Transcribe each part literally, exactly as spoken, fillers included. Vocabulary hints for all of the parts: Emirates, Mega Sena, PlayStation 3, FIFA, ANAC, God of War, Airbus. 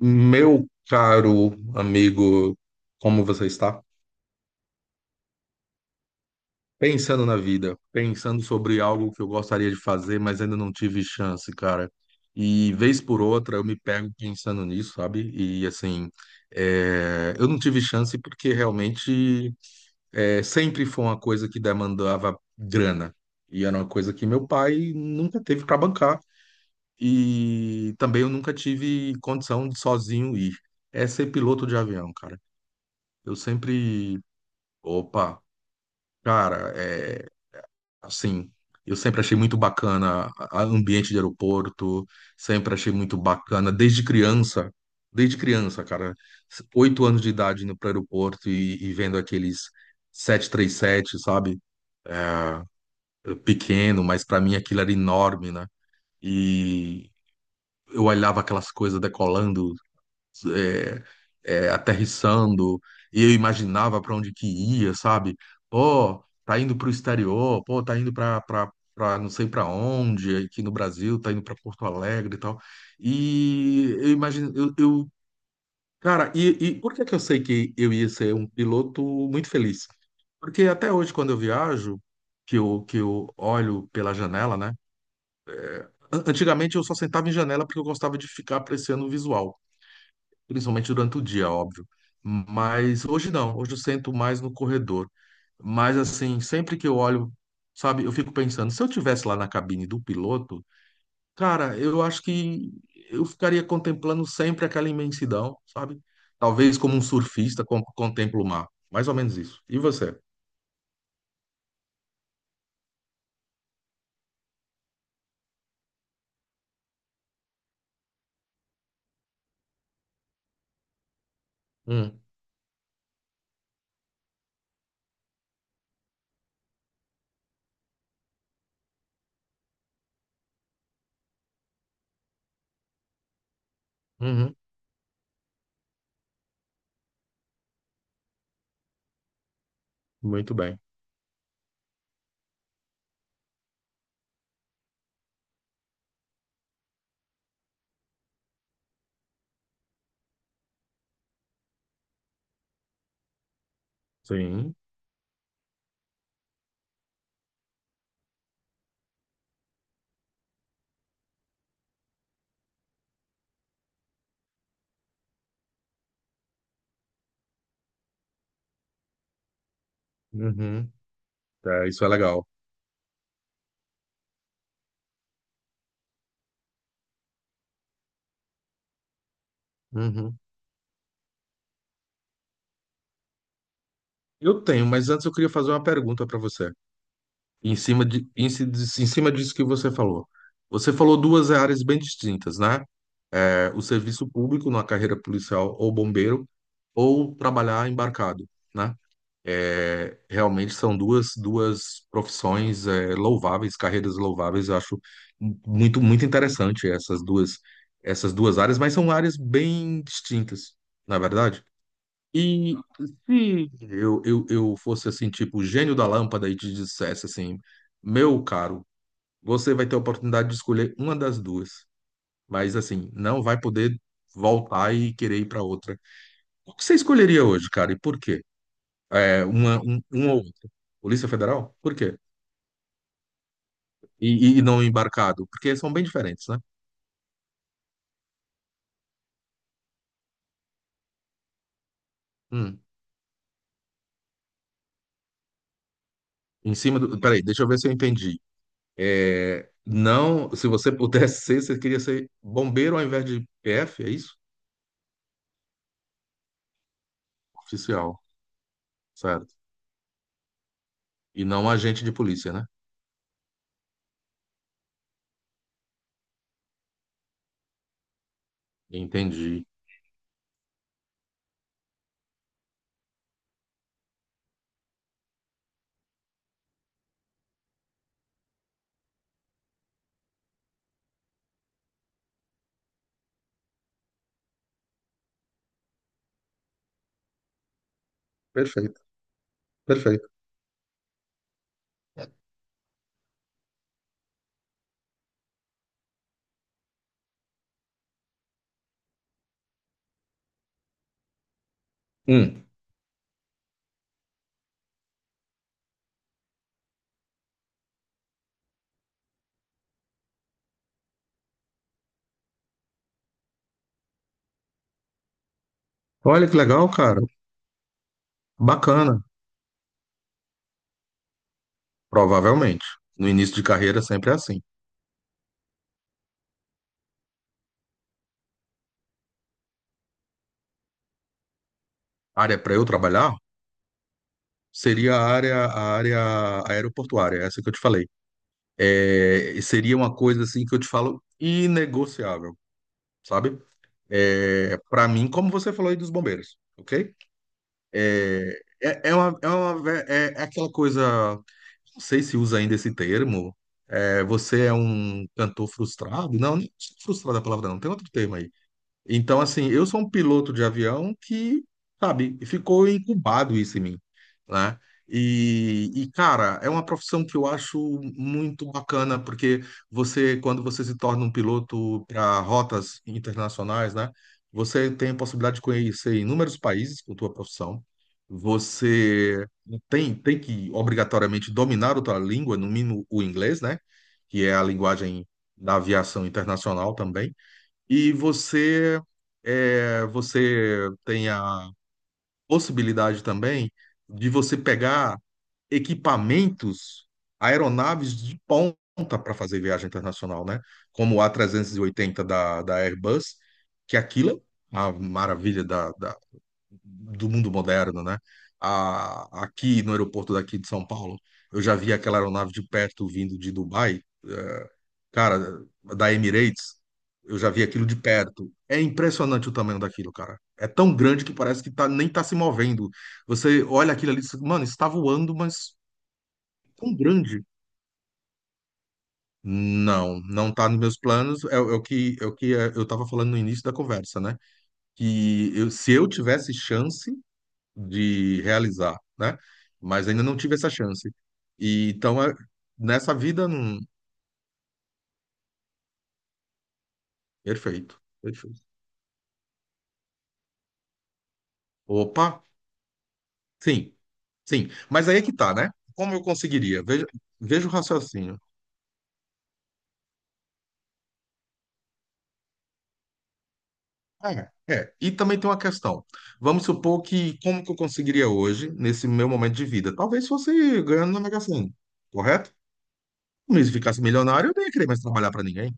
Meu caro amigo, como você está? Pensando na vida, pensando sobre algo que eu gostaria de fazer, mas ainda não tive chance, cara. E vez por outra eu me pego pensando nisso, sabe? E assim, é, eu não tive chance porque realmente é, sempre foi uma coisa que demandava grana. E era uma coisa que meu pai nunca teve para bancar. E também eu nunca tive condição de sozinho ir. É ser piloto de avião, cara. Eu sempre, opa, cara, é assim, eu sempre achei muito bacana a a ambiente de aeroporto, sempre achei muito bacana desde criança, desde criança, cara, s- oito anos de idade indo para o aeroporto e, e vendo aqueles sete três sete, sabe? É, é pequeno, mas para mim aquilo era enorme, né? E eu olhava aquelas coisas decolando, é, é, aterrissando, e eu imaginava para onde que ia, sabe? Pô, tá indo para o exterior, pô, tá indo para para não sei para onde, aqui no Brasil, tá indo para Porto Alegre e tal. E eu imagino, eu, eu- cara, e, e por que que eu sei que eu ia ser um piloto muito feliz? Porque até hoje, quando eu viajo, que eu, que eu olho pela janela, né? An- Antigamente eu só sentava em janela porque eu gostava de ficar apreciando o visual, principalmente durante o dia, óbvio. Mas hoje não, hoje eu sento mais no corredor. Mas assim, sempre que eu olho, sabe, eu fico pensando, se eu tivesse lá na cabine do piloto, cara, eu acho que eu ficaria contemplando sempre aquela imensidão, sabe? Talvez como um surfista con- contempla o mar. Mais ou menos isso. E você? Hum. Uhum. Muito bem. Sim. Uhum. É, isso é legal. Uhum. Eu tenho, mas antes eu queria fazer uma pergunta para você. Em cima de, em, ci- em cima disso que você falou. Você falou duas áreas bem distintas, né? É, o serviço público na carreira policial ou bombeiro, ou trabalhar embarcado, né? É, realmente são duas, duas profissões, é, louváveis, carreiras louváveis. Eu acho muito, muito interessante essas duas, essas duas áreas, mas são áreas bem distintas, na verdade. E se eu, eu, eu fosse assim, tipo, o gênio da lâmpada e te dissesse assim, meu caro, você vai ter a oportunidade de escolher uma das duas, mas assim, não vai poder voltar e querer ir para outra. O que você escolheria hoje, cara, e por quê? É, uma, um, uma ou outra. Polícia Federal? Por quê? E, e- e não embarcado? Porque são bem diferentes, né? Hum. Em cima do. Peraí, deixa eu ver se eu entendi. É, não, se você pudesse ser, você queria ser bombeiro ao invés de P F, é isso? Oficial, certo. E não agente de polícia, né? Entendi. Perfeito, perfeito. Hum. Olha que legal, cara. Bacana, provavelmente. No início de carreira sempre é assim. Área para eu trabalhar seria a área, a área aeroportuária, é essa que eu te falei. É, e seria uma coisa assim que eu te falo inegociável, sabe? É, para mim, como você falou aí dos bombeiros, ok? É, é, é uma, é uma ve- é- é aquela coisa, não sei se usa ainda esse termo. é, você é um cantor frustrado? Não, nem frustrado é a palavra, não. Tem outro termo aí. Então, assim, eu sou um piloto de avião que, sabe, ficou incubado isso em mim, né? E, e, cara, é uma profissão que eu acho muito bacana, porque você, quando você se torna um piloto para rotas internacionais, né? Você tem a possibilidade de conhecer inúmeros países com a tua profissão. Você tem, tem que, obrigatoriamente, dominar outra língua, no mínimo o inglês, né? Que é a linguagem da aviação internacional também. E você, é, você tem a possibilidade também de você pegar equipamentos, aeronaves de ponta para fazer viagem internacional, né? Como o a trezentos e oitenta da, da Airbus, que aquilo é a maravilha da, da- do mundo moderno, né? A, aqui no aeroporto daqui de São Paulo, eu já vi aquela aeronave de perto vindo de Dubai, cara, da Emirates, eu já vi aquilo de perto. É impressionante o tamanho daquilo, cara. É tão grande que parece que tá, nem tá se movendo. Você olha aquilo ali, e diz, mano, está voando, mas tão grande. Não, não tá nos meus planos. É, o é o que, é o que é, eu estava falando no início da conversa, né? Que eu- se eu tivesse chance de realizar, né? Mas ainda não tive essa chance. E, então, é- nessa vida, hum, perfeito, perfeito. Opa! Sim, sim. Mas aí é que tá, né? Como eu conseguiria? Veja, veja o raciocínio. É, é. E também tem uma questão. Vamos supor que como que eu conseguiria hoje, nesse meu momento de vida? Talvez fosse ganhando na Mega Sena, correto? Mas se ficasse milionário, eu nem ia querer mais trabalhar para ninguém.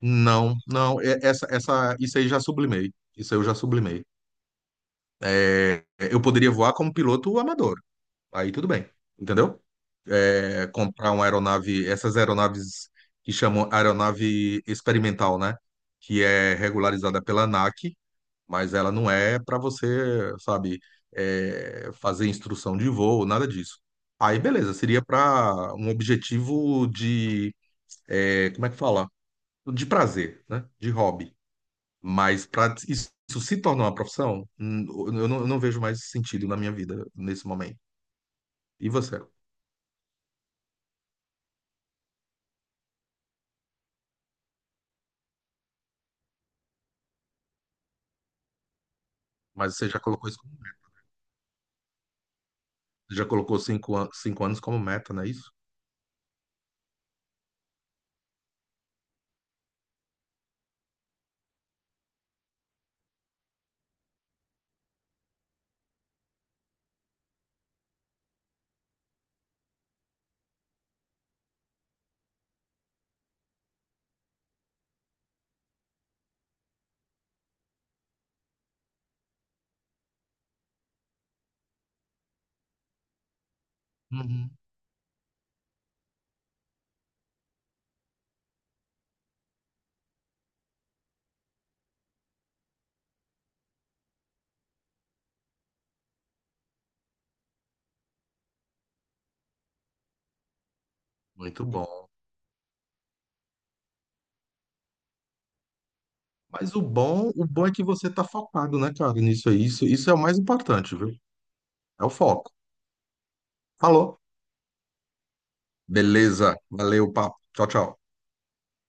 Não, não. é- Essa, essa, isso aí já sublimei. Isso aí eu já sublimei. É, eu poderia voar como piloto amador. Aí tudo bem, entendeu? é, comprar uma aeronave, essas aeronaves que chamam aeronave experimental, né? Que é regularizada pela ANAC, mas ela não é para você, sabe, é, fazer instrução de voo, nada disso. Aí, beleza, seria para um objetivo de, é, como é que fala? De prazer, né? De hobby. Mas para isso isso se tornar uma profissão, hum, eu não, eu não vejo mais sentido na minha vida nesse momento. E você? Mas você já colocou isso. Já colocou cinco, an- cinco anos como meta, não é isso? Uhum. Muito bom. Mas o bom, o bom, é que você tá focado, né, cara, nisso aí. Isso, isso é o mais importante, viu? É o foco. Falou. Beleza. Valeu, papo. Tchau, tchau.